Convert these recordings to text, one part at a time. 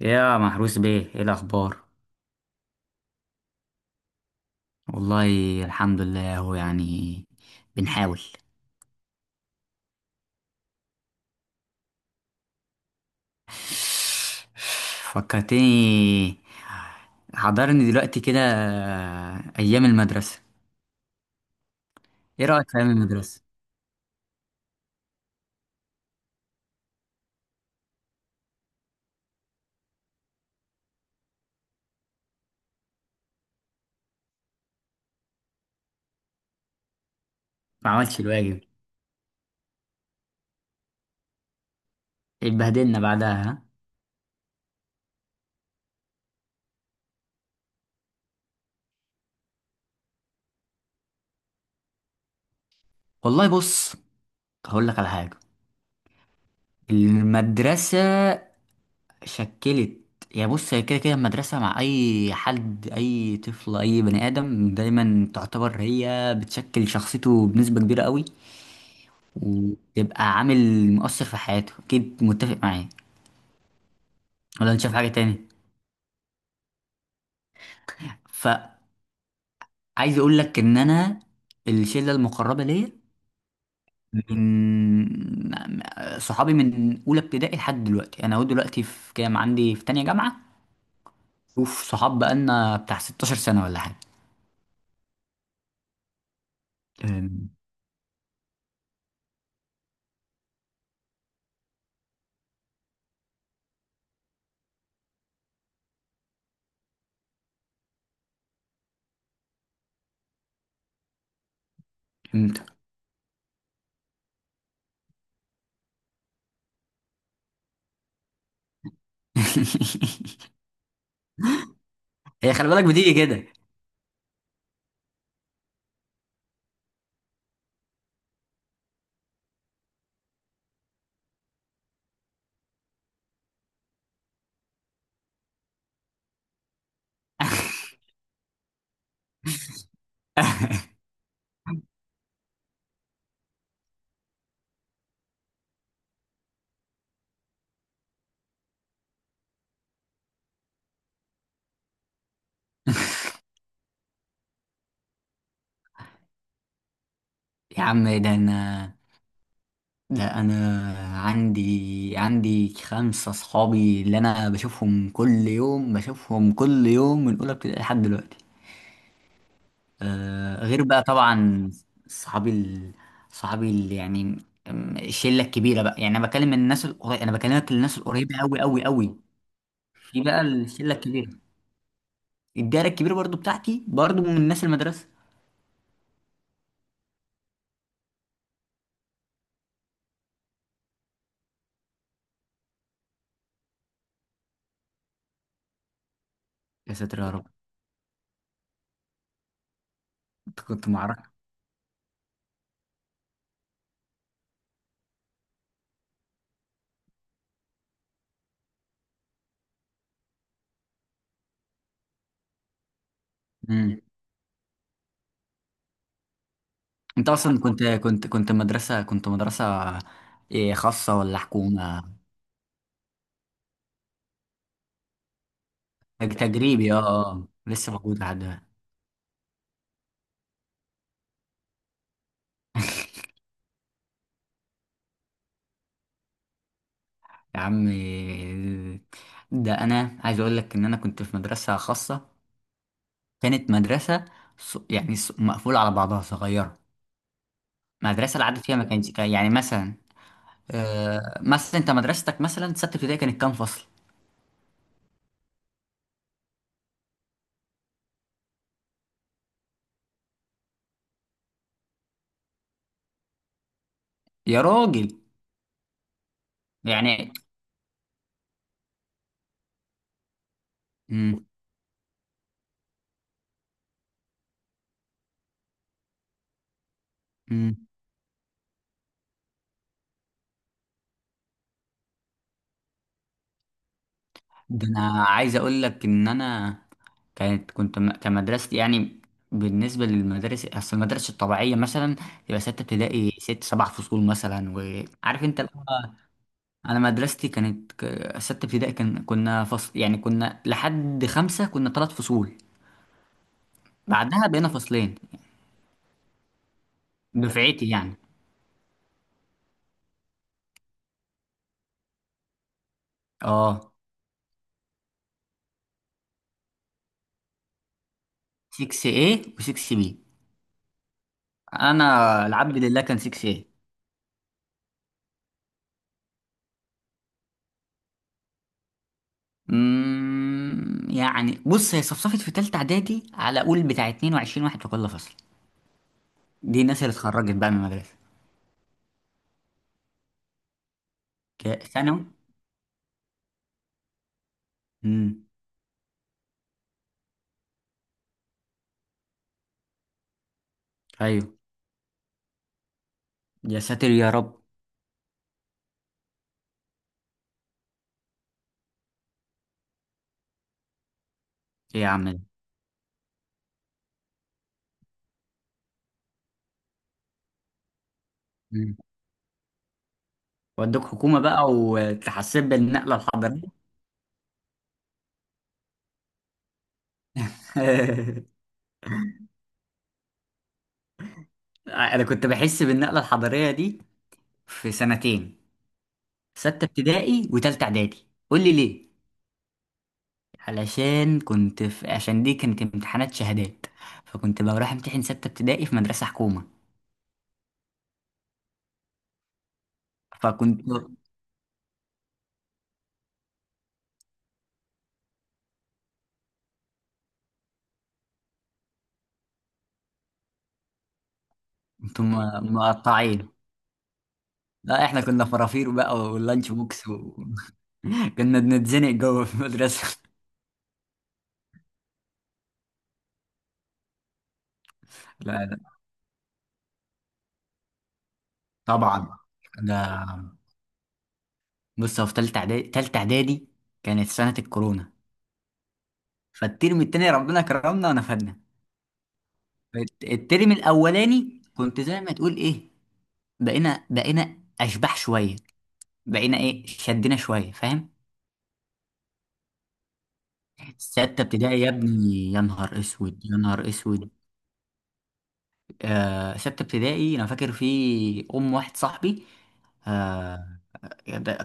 يا محروس بيه ايه الاخبار. والله الحمد لله، هو يعني بنحاول. فكرتني، حضرني دلوقتي كده ايام المدرسه. ايه رايك في ايام المدرسه؟ ما عملتش الواجب، اتبهدلنا بعدها ها. والله بص، هقول لك على حاجه. المدرسه شكلت، يعني بص هي كده كده المدرسة مع أي حد، أي طفل، أي بني آدم دايما تعتبر هي بتشكل شخصيته بنسبة كبيرة قوي، وتبقى عامل مؤثر في حياته أكيد. متفق معايا ولا أنت شايف حاجة تاني؟ فعايز أقول لك إن أنا الشلة المقربة ليا من صحابي من أولى ابتدائي لحد دلوقتي، أنا أهو دلوقتي في كام، عندي في تانية جامعة. شوف صحاب بقالنا بتاع 16 سنة ولا حاجة. أم، امتى؟ هي خلي بالك بتيجي كده. يا عم ده انا، ده انا عندي، عندي خمسة صحابي اللي انا بشوفهم كل يوم، بشوفهم كل يوم من اولى ابتدائي لحد دلوقتي. آه غير بقى طبعا. صحابي ال... صحابي ال... يعني الشلة الكبيرة بقى، يعني انا بكلم الناس القريبة، انا بكلمك الناس القريبة قوي قوي قوي. في بقى الشلة الكبيرة، الدايرة الكبيرة برضو بتاعتي برضو من ناس المدرسة. يا ساتر يا رب. انت كنت معركة. انت اصلا كنت كنت مدرسه، كنت مدرسه إيه، خاصه ولا حكومه؟ تجريبي اه. اه لسه موجود لحد دلوقتي. يا عم ده انا عايز اقول لك ان انا كنت في مدرسه خاصه، كانت مدرسه يعني مقفوله على بعضها، صغيره. مدرسه العدد فيها ما كانش يعني مثلا، مثلا انت مدرستك مثلا سته ابتدائي كانت كام فصل؟ يا راجل. يعني مم، مم. ده انا عايز اقول لك ان انا كانت كمدرستي يعني، بالنسبة للمدارس، أصل المدارس الطبيعية مثلا تبقى ستة ابتدائي ست سبع فصول مثلا، وعارف أنت اللي هو، أنا مدرستي كانت ستة ابتدائي كان كنا فصل يعني، كنا لحد خمسة كنا ثلاث فصول، بعدها بقينا فصلين. دفعتي يعني اه 6A و 6B. أنا العبد لله كان 6A. يعني بص هي صفصفت في تالتة إعدادي على قول بتاع 22 واحد في كل فصل. دي الناس اللي اتخرجت بقى من المدرسة. ثانوي. امم. ايوه. يا ساتر يا رب. ايه يا عم ده؟ مم. ودوك حكومه بقى وتحسب بالنقله الحضاريه. انا كنت بحس بالنقله الحضاريه دي في سنتين، سته ابتدائي وتالته اعدادي. قول لي ليه؟ علشان كنت في، عشان دي كانت امتحانات شهادات، فكنت بروح امتحن سته ابتدائي في مدرسه حكومه. فكنت مقطعين. لا احنا كنا فرافير بقى واللانش بوكس و... كنا بنتزنق جوه في المدرسه. لا طبعا. ده بص، هو في تالتة اعدادي، تالتة اعدادي كانت سنة الكورونا، فالترم التاني ربنا كرمنا ونفدنا. الترم الاولاني كنت زي ما تقول ايه، بقينا بقينا اشباح شوية، بقينا ايه شدنا شوية، فاهم. ستة ابتدائي يا ابني، يا نهار اسود، يا نهار اسود. آه ستة ابتدائي انا فاكر في ام واحد صاحبي، آه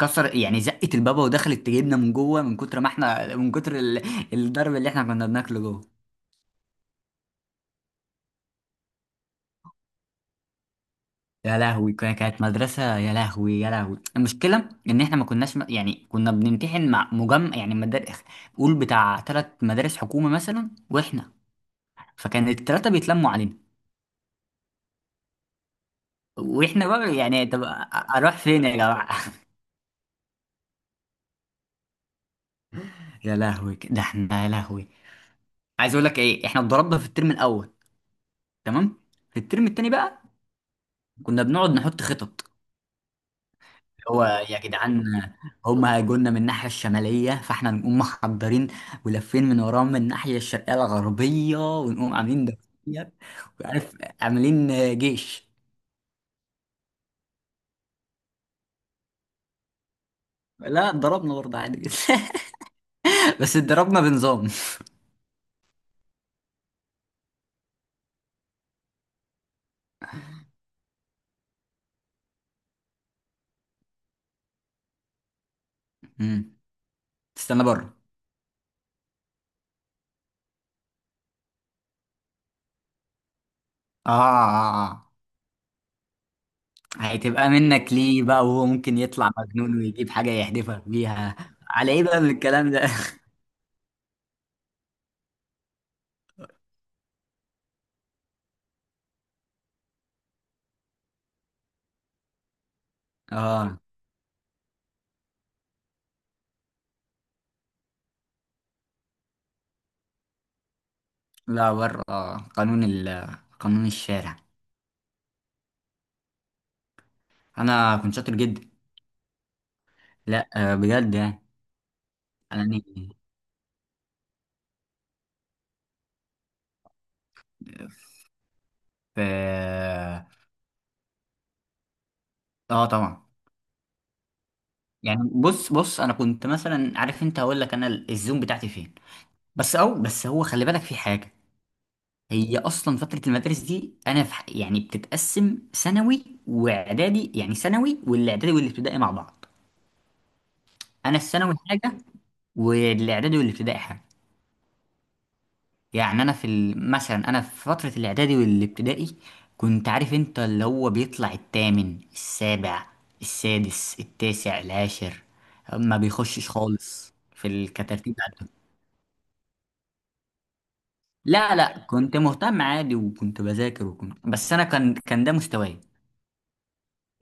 كسر يعني، زقت البابا ودخلت تجيبنا من جوه، من كتر ما احنا من كتر الضرب اللي احنا كنا بناكله جوه. يا لهوي، كانت مدرسة. يا لهوي يا لهوي، المشكلة إن إحنا ما كناش يعني كنا بنمتحن مع مجمع يعني مدارس، قول بتاع تلات مدارس حكومة مثلا، وإحنا، فكان التلاتة بيتلموا علينا. وإحنا بقى يعني طب أروح فين يا جماعة؟ يا لهوي ده إحنا، يا لهوي عايز أقول لك إيه، إحنا اتضربنا في الترم الأول، تمام. في الترم التاني بقى كنا بنقعد نحط خطط. هو يا جدعان هم هيجولنا من الناحية الشمالية، فاحنا نقوم محضرين ولافين من وراهم من الناحية الشرقية الغربية، ونقوم عاملين دوسيات وعارف، عاملين جيش. لا اتضربنا برضه عادي جدا. بس اتضربنا بنظام. مم. استنى بره. اه اه اه آه. هتبقى منك ليه بقى وهو ممكن يطلع مجنون ويجيب حاجة يحدفك بيها؟ على ايه بقى من الكلام ده؟ اه لا بره آه، قانون قانون الشارع. انا كنت شاطر جدا. لا آه، بجد يعني. يعني في اه، آه، طبعا. يعني بص بص انا كنت مثلا عارف انت، هقول لك انا الزوم بتاعتي فين، بس او بس هو خلي بالك في حاجه. هي اصلا فتره المدارس دي انا في يعني بتتقسم ثانوي واعدادي، يعني ثانوي والاعدادي والابتدائي مع بعض. انا الثانوي حاجه، والاعدادي والابتدائي حاجه. يعني انا في مثلا انا في فترة الاعدادي والابتدائي كنت عارف انت اللي هو بيطلع التامن السابع السادس التاسع العاشر، ما بيخشش خالص في الكترتيب عندهم. لا لا كنت مهتم عادي، وكنت بذاكر، وكنت بس انا كان كان ده مستواي.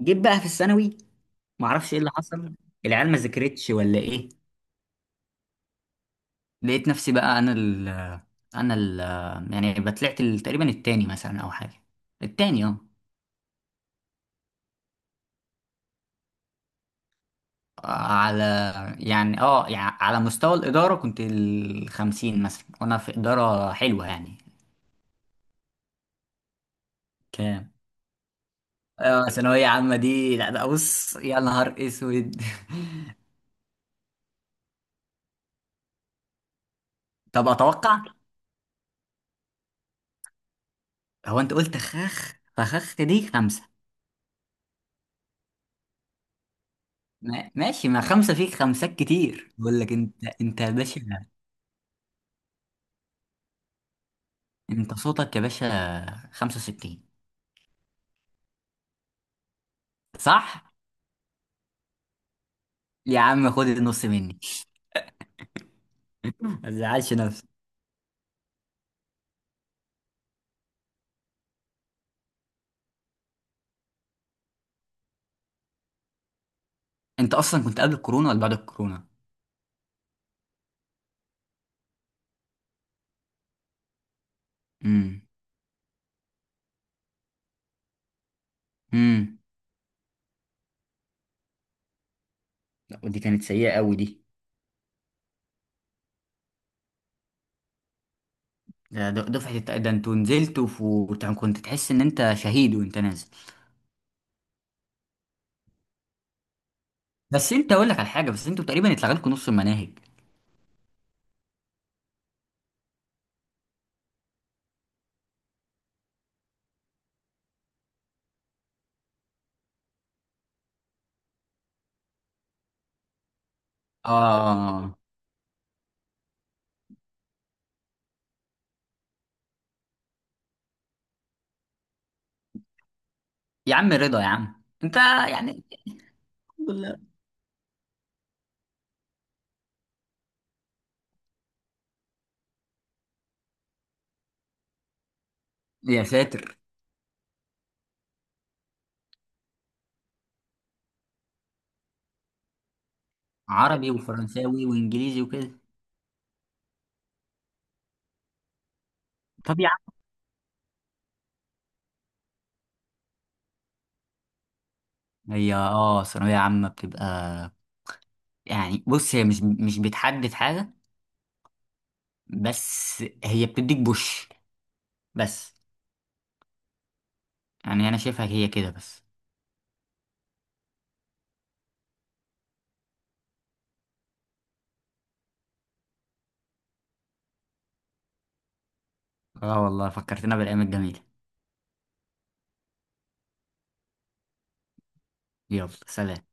جيت بقى في الثانوي معرفش ايه اللي حصل، العيال ما ذاكرتش ولا ايه، لقيت نفسي بقى انا ال، انا ال، يعني بطلعت تقريبا التاني مثلا او حاجة. التاني اه. على، يعني اه يعني على مستوى الإدارة كنت الخمسين مثلا وأنا في إدارة حلوة يعني. كام؟ آه، ثانوية عامة دي لا ده بص يا نهار اسود. طب اتوقع. هو انت قلت خخ، فخخ دي خمسة. ما- ماشي، ما خمسة فيك خمسات كتير بقول لك، انت انت يا باشا. انت صوتك يا باشا، 65. صح. يا عم خد النص مني. ما تزعلش نفسك. انت اصلا كنت قبل الكورونا ولا بعد الكورونا؟ امم. ودي كانت سيئة قوي دي. ده دفعة ده انتوا نزلتوا كنت تحس ان انت شهيد وانت نازل. بس انت اقول لك على حاجة، بس انتوا تقريبا اتلغى لكم نص المناهج. اه يا عم رضا يا عم انت. يعني الحمد لله. يا ساتر. عربي وفرنساوي وانجليزي وكده. طب يا عم، هي اه ثانوية عامة بتبقى، يعني بص هي مش مش بتحدد حاجة، بس هي بتديك بوش، بس. يعني انا شايفها هي كده بس. اه والله فكرتنا بالايام الجميلة. يلا سلام.